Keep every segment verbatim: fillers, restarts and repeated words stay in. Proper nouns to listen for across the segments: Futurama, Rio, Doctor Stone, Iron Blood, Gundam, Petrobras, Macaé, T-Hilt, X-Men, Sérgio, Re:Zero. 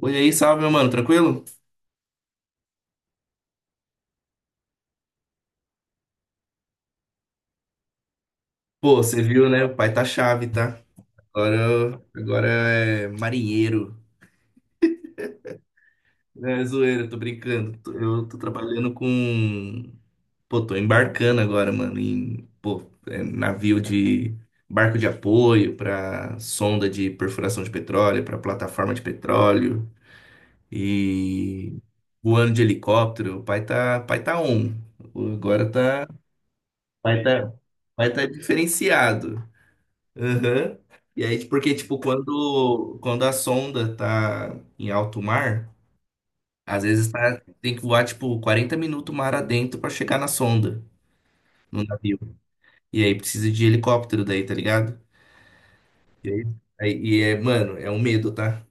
Oi aí, salve, meu mano, tranquilo? Pô, você viu, né? O pai tá chave, tá? Agora, eu- agora é marinheiro. É zoeira, tô brincando. Tô- Eu tô trabalhando com. Pô, tô embarcando agora, mano, em pô, é, navio de. Barco de apoio pra sonda de perfuração de petróleo, pra plataforma de petróleo e voando de helicóptero. O pai tá, pai tá on. Agora tá, pai tá, pai tá diferenciado. Aham. E aí, tipo, porque, tipo, quando, quando a sonda tá em alto mar, às vezes tá, tem que voar, tipo, quarenta minutos mar adentro pra chegar na sonda, no navio. E aí precisa de helicóptero daí, tá ligado? E aí, aí- e é, mano, é um medo, tá?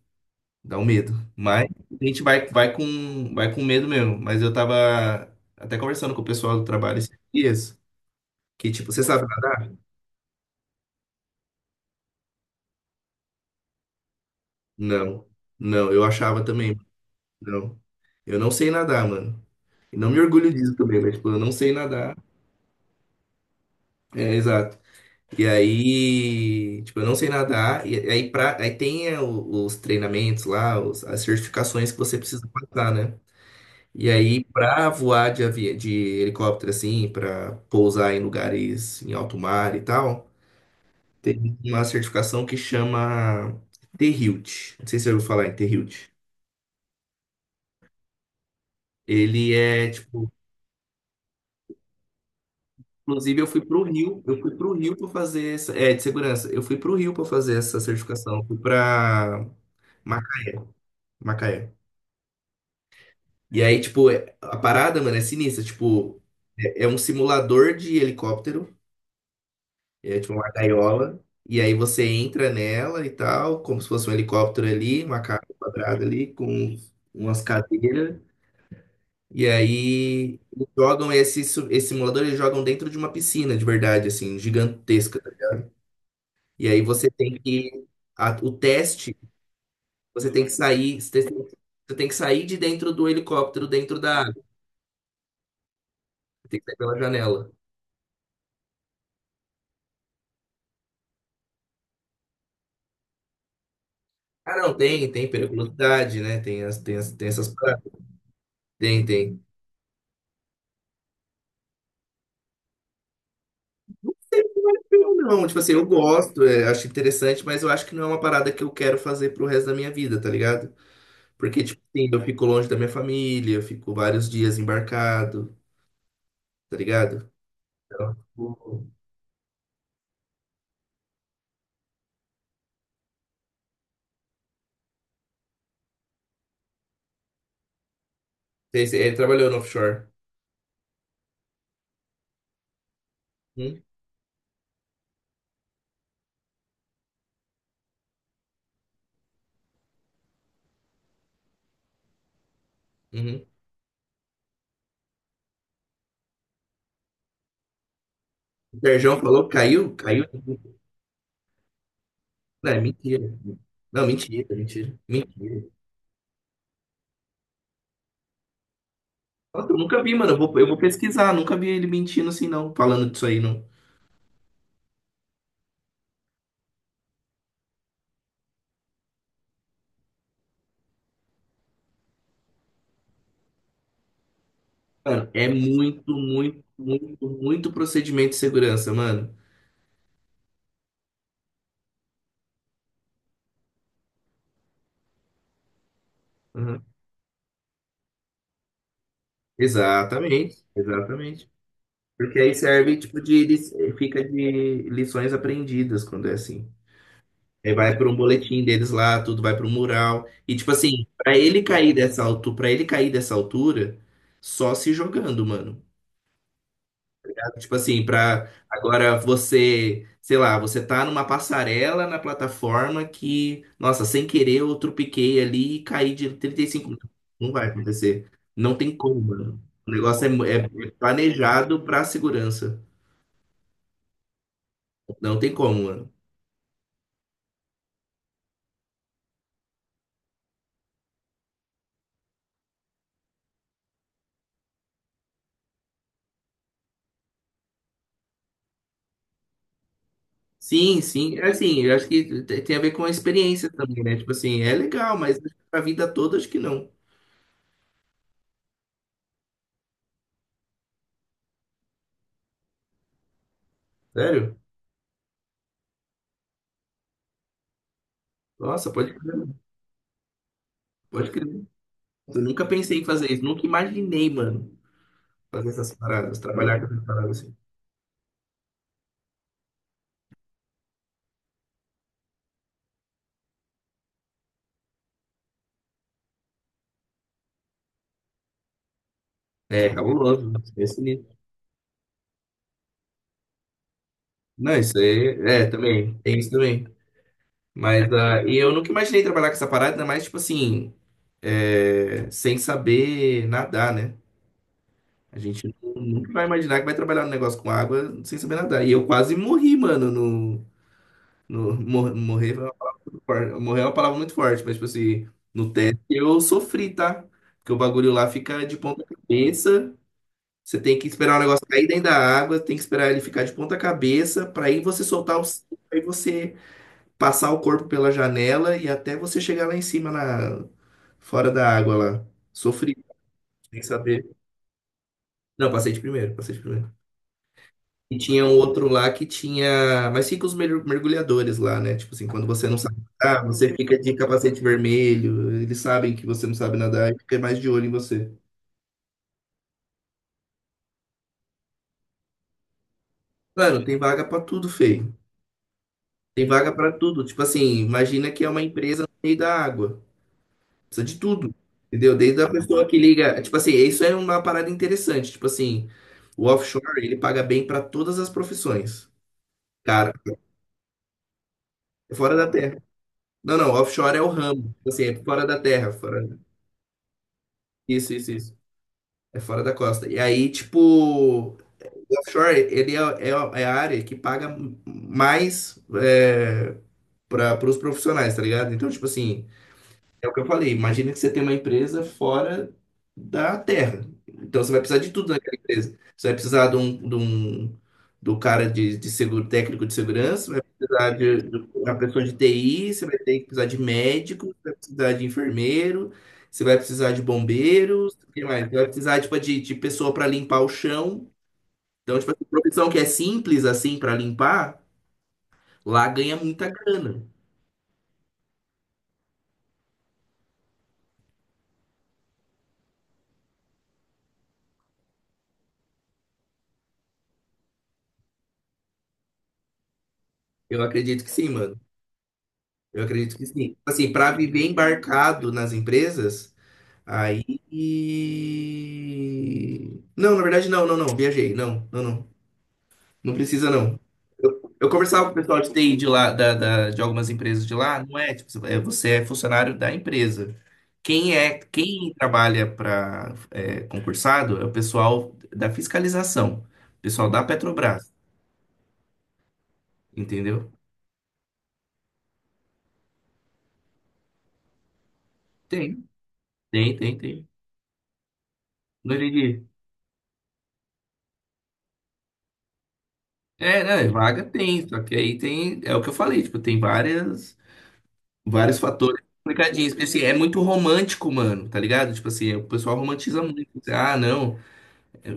Dá um medo. Mas a gente vai, vai com, vai com medo mesmo. Mas eu tava até conversando com o pessoal do trabalho esses dias, que, tipo, você sabe nadar? Não. Não, eu achava também. Não. Eu não sei nadar, mano. E não me orgulho disso também, mas, tipo, eu não sei nadar. É, exato. E aí, tipo, eu não sei nadar. E aí, pra, aí tem é, o- os treinamentos lá, os- as certificações que você precisa passar, né? E aí, pra voar de, avi... de helicóptero, assim, pra pousar em lugares em alto mar e tal, tem uma certificação que chama T-Hilt. Não sei se você ouviu falar em T-Hilt. Ele é, tipo. Inclusive, eu fui para o Rio, eu fui para o Rio para fazer essa, é, de segurança. Eu fui para o Rio para fazer essa certificação, eu fui para Macaé. E aí, tipo, é- a parada, mano, é sinistra. Tipo, é, é um simulador de helicóptero, é tipo uma gaiola, e aí você entra nela e tal, como se fosse um helicóptero ali, uma casa quadrada ali, com umas cadeiras. E aí, eles jogam esse, su- esse simulador, eles jogam dentro de uma piscina, de verdade, assim, gigantesca. E aí você tem que a- o teste, você tem que sair, você tem você tem que sair de dentro do helicóptero, dentro da água. Você tem que sair pela janela. Ah, não, tem, tem periculosidade, né? Tem as, tem as- tem essas paradas. Tem, tem. Eu não, tipo assim, eu gosto, é, acho interessante, mas eu acho que não é uma parada que eu quero fazer pro resto da minha vida, tá ligado? Porque, tipo assim, eu fico longe da minha família, eu fico vários dias embarcado, tá ligado? Então, tipo, sei- ele trabalhou no offshore. Hum? Uhum. O Sérgio falou, caiu, caiu É mentira. Não, mentira, mentira, mentira. Nossa, eu nunca vi, mano. Eu vou, eu vou pesquisar, nunca vi ele mentindo assim, não, falando disso aí, não. Mano, é muito, muito, muito, muito procedimento de segurança, mano. Uhum. Exatamente, exatamente. Porque aí serve, tipo, de, li- fica de lições aprendidas quando é assim. Aí vai para um boletim deles lá, tudo vai para um mural. E, tipo assim, pra ele cair dessa altura, para ele cair dessa altura, só se jogando, mano. Tipo assim, pra agora você, sei lá, você tá numa passarela na plataforma que, nossa, sem querer eu tropiquei ali e caí de trinta e cinco mil. Não vai acontecer. Não tem como, mano. O negócio é, mu- é- é planejado pra segurança. Não tem como, mano. Sim, sim. É. Assim, eu acho que te- tem a ver com a experiência também, né? Tipo assim, é legal, mas pra vida toda acho que não. Sério? Nossa, pode crer, pode crer. Eu nunca pensei em fazer isso, nunca imaginei, mano, fazer essas paradas, trabalhar com essas paradas assim. É, cabuloso, esquece nisso. Não, isso aí, é, também, tem isso também. Mas, ah, e eu nunca imaginei trabalhar com essa parada, ainda mais, tipo assim, é, sem saber nadar, né? A gente nunca vai imaginar que vai trabalhar um negócio com água sem saber nadar. E eu quase morri, mano, no, no, mor- morrer, é uma palavra- Morrer é uma palavra muito forte, mas, tipo assim, no teste eu sofri, tá? Porque o bagulho lá fica de ponta cabeça. Você tem que esperar o negócio cair dentro da água, tem que esperar ele ficar de ponta cabeça para aí você soltar o cinto, aí você passar o corpo pela janela e até você chegar lá em cima na fora da água lá. Sofri, sem saber. Não, passei de primeiro, passei de primeiro. E tinha um outro lá que tinha, mas fica os mer- mergulhadores lá, né? Tipo assim, quando você não sabe nadar, você fica de capacete vermelho, eles sabem que você não sabe nadar e fica mais de olho em você. Mano, tem vaga pra tudo, feio. Tem vaga para tudo. Tipo assim, imagina que é uma empresa no meio da água. Precisa de tudo. Entendeu? Desde a pessoa que liga. Tipo assim, isso é uma parada interessante. Tipo assim, o offshore, ele paga bem para todas as profissões. Cara, é fora da terra. Não, não, offshore é o ramo. Tipo assim, é fora da terra. Fora. Isso, isso, isso. É fora da costa. E aí, tipo, o offshore, ele é, é, é a área que paga mais é, para os profissionais, tá ligado? Então, tipo assim. É o que eu falei. Imagina que você tem uma empresa fora da Terra. Então você vai precisar de tudo naquela empresa. Você vai precisar de um, de um- do cara de, de seguro, técnico de segurança, vai precisar de, de uma pessoa de T I, você vai ter que precisar de médico, você vai precisar de enfermeiro, você vai precisar de bombeiros, o que mais? Você vai precisar tipo, de, de pessoa para limpar o chão. Então, tipo, essa profissão que é simples assim para limpar, lá ganha muita grana. Eu acredito que sim, mano. Eu acredito que sim. Assim, para viver embarcado nas empresas, aí. Não, na verdade, não, não, não. Viajei. Não, não, não. Não precisa, não. Eu, eu conversava com o pessoal de T I de lá, da, da- de algumas empresas de lá, não é, tipo, é, você é funcionário da empresa. Quem é, quem trabalha para concursado é o pessoal da fiscalização, o pessoal da Petrobras, entendeu? Tem, tem, tem, tem. Não entendi. É, né, vaga tem, só que aí tem, é o que eu falei, tipo, tem várias, vários fatores complicadinhos. Porque, assim, é muito romântico, mano, tá ligado? Tipo assim, o pessoal romantiza muito, assim. Ah, não,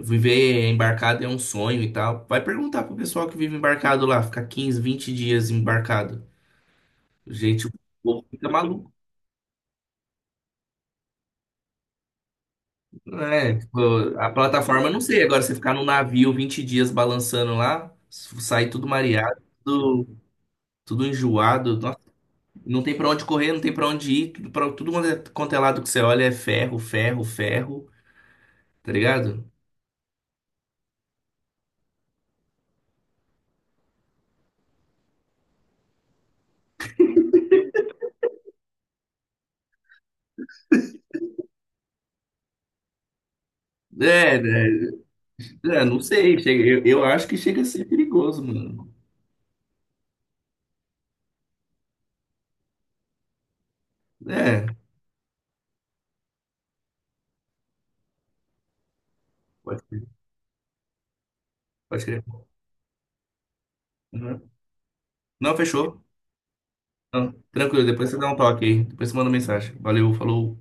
viver embarcado é um sonho e tal. Vai perguntar pro pessoal que vive embarcado lá, ficar quinze, vinte dias embarcado. Gente, o povo fica maluco, né? Tipo, a plataforma, não sei, agora você ficar num navio vinte dias balançando lá, sair tudo mareado, tudo, tudo enjoado. Não tem pra onde correr, não tem pra onde ir, tudo, pra, tudo quanto é quanto é lado que você olha é ferro, ferro, ferro, tá ligado? É, né? É, não sei, chega- eu, eu acho que chega a ser perigoso, mano. É, pode crer, pode crer. Uhum. Não, fechou. Não, tranquilo, depois você dá um toque aí, depois você manda mensagem. Valeu, falou.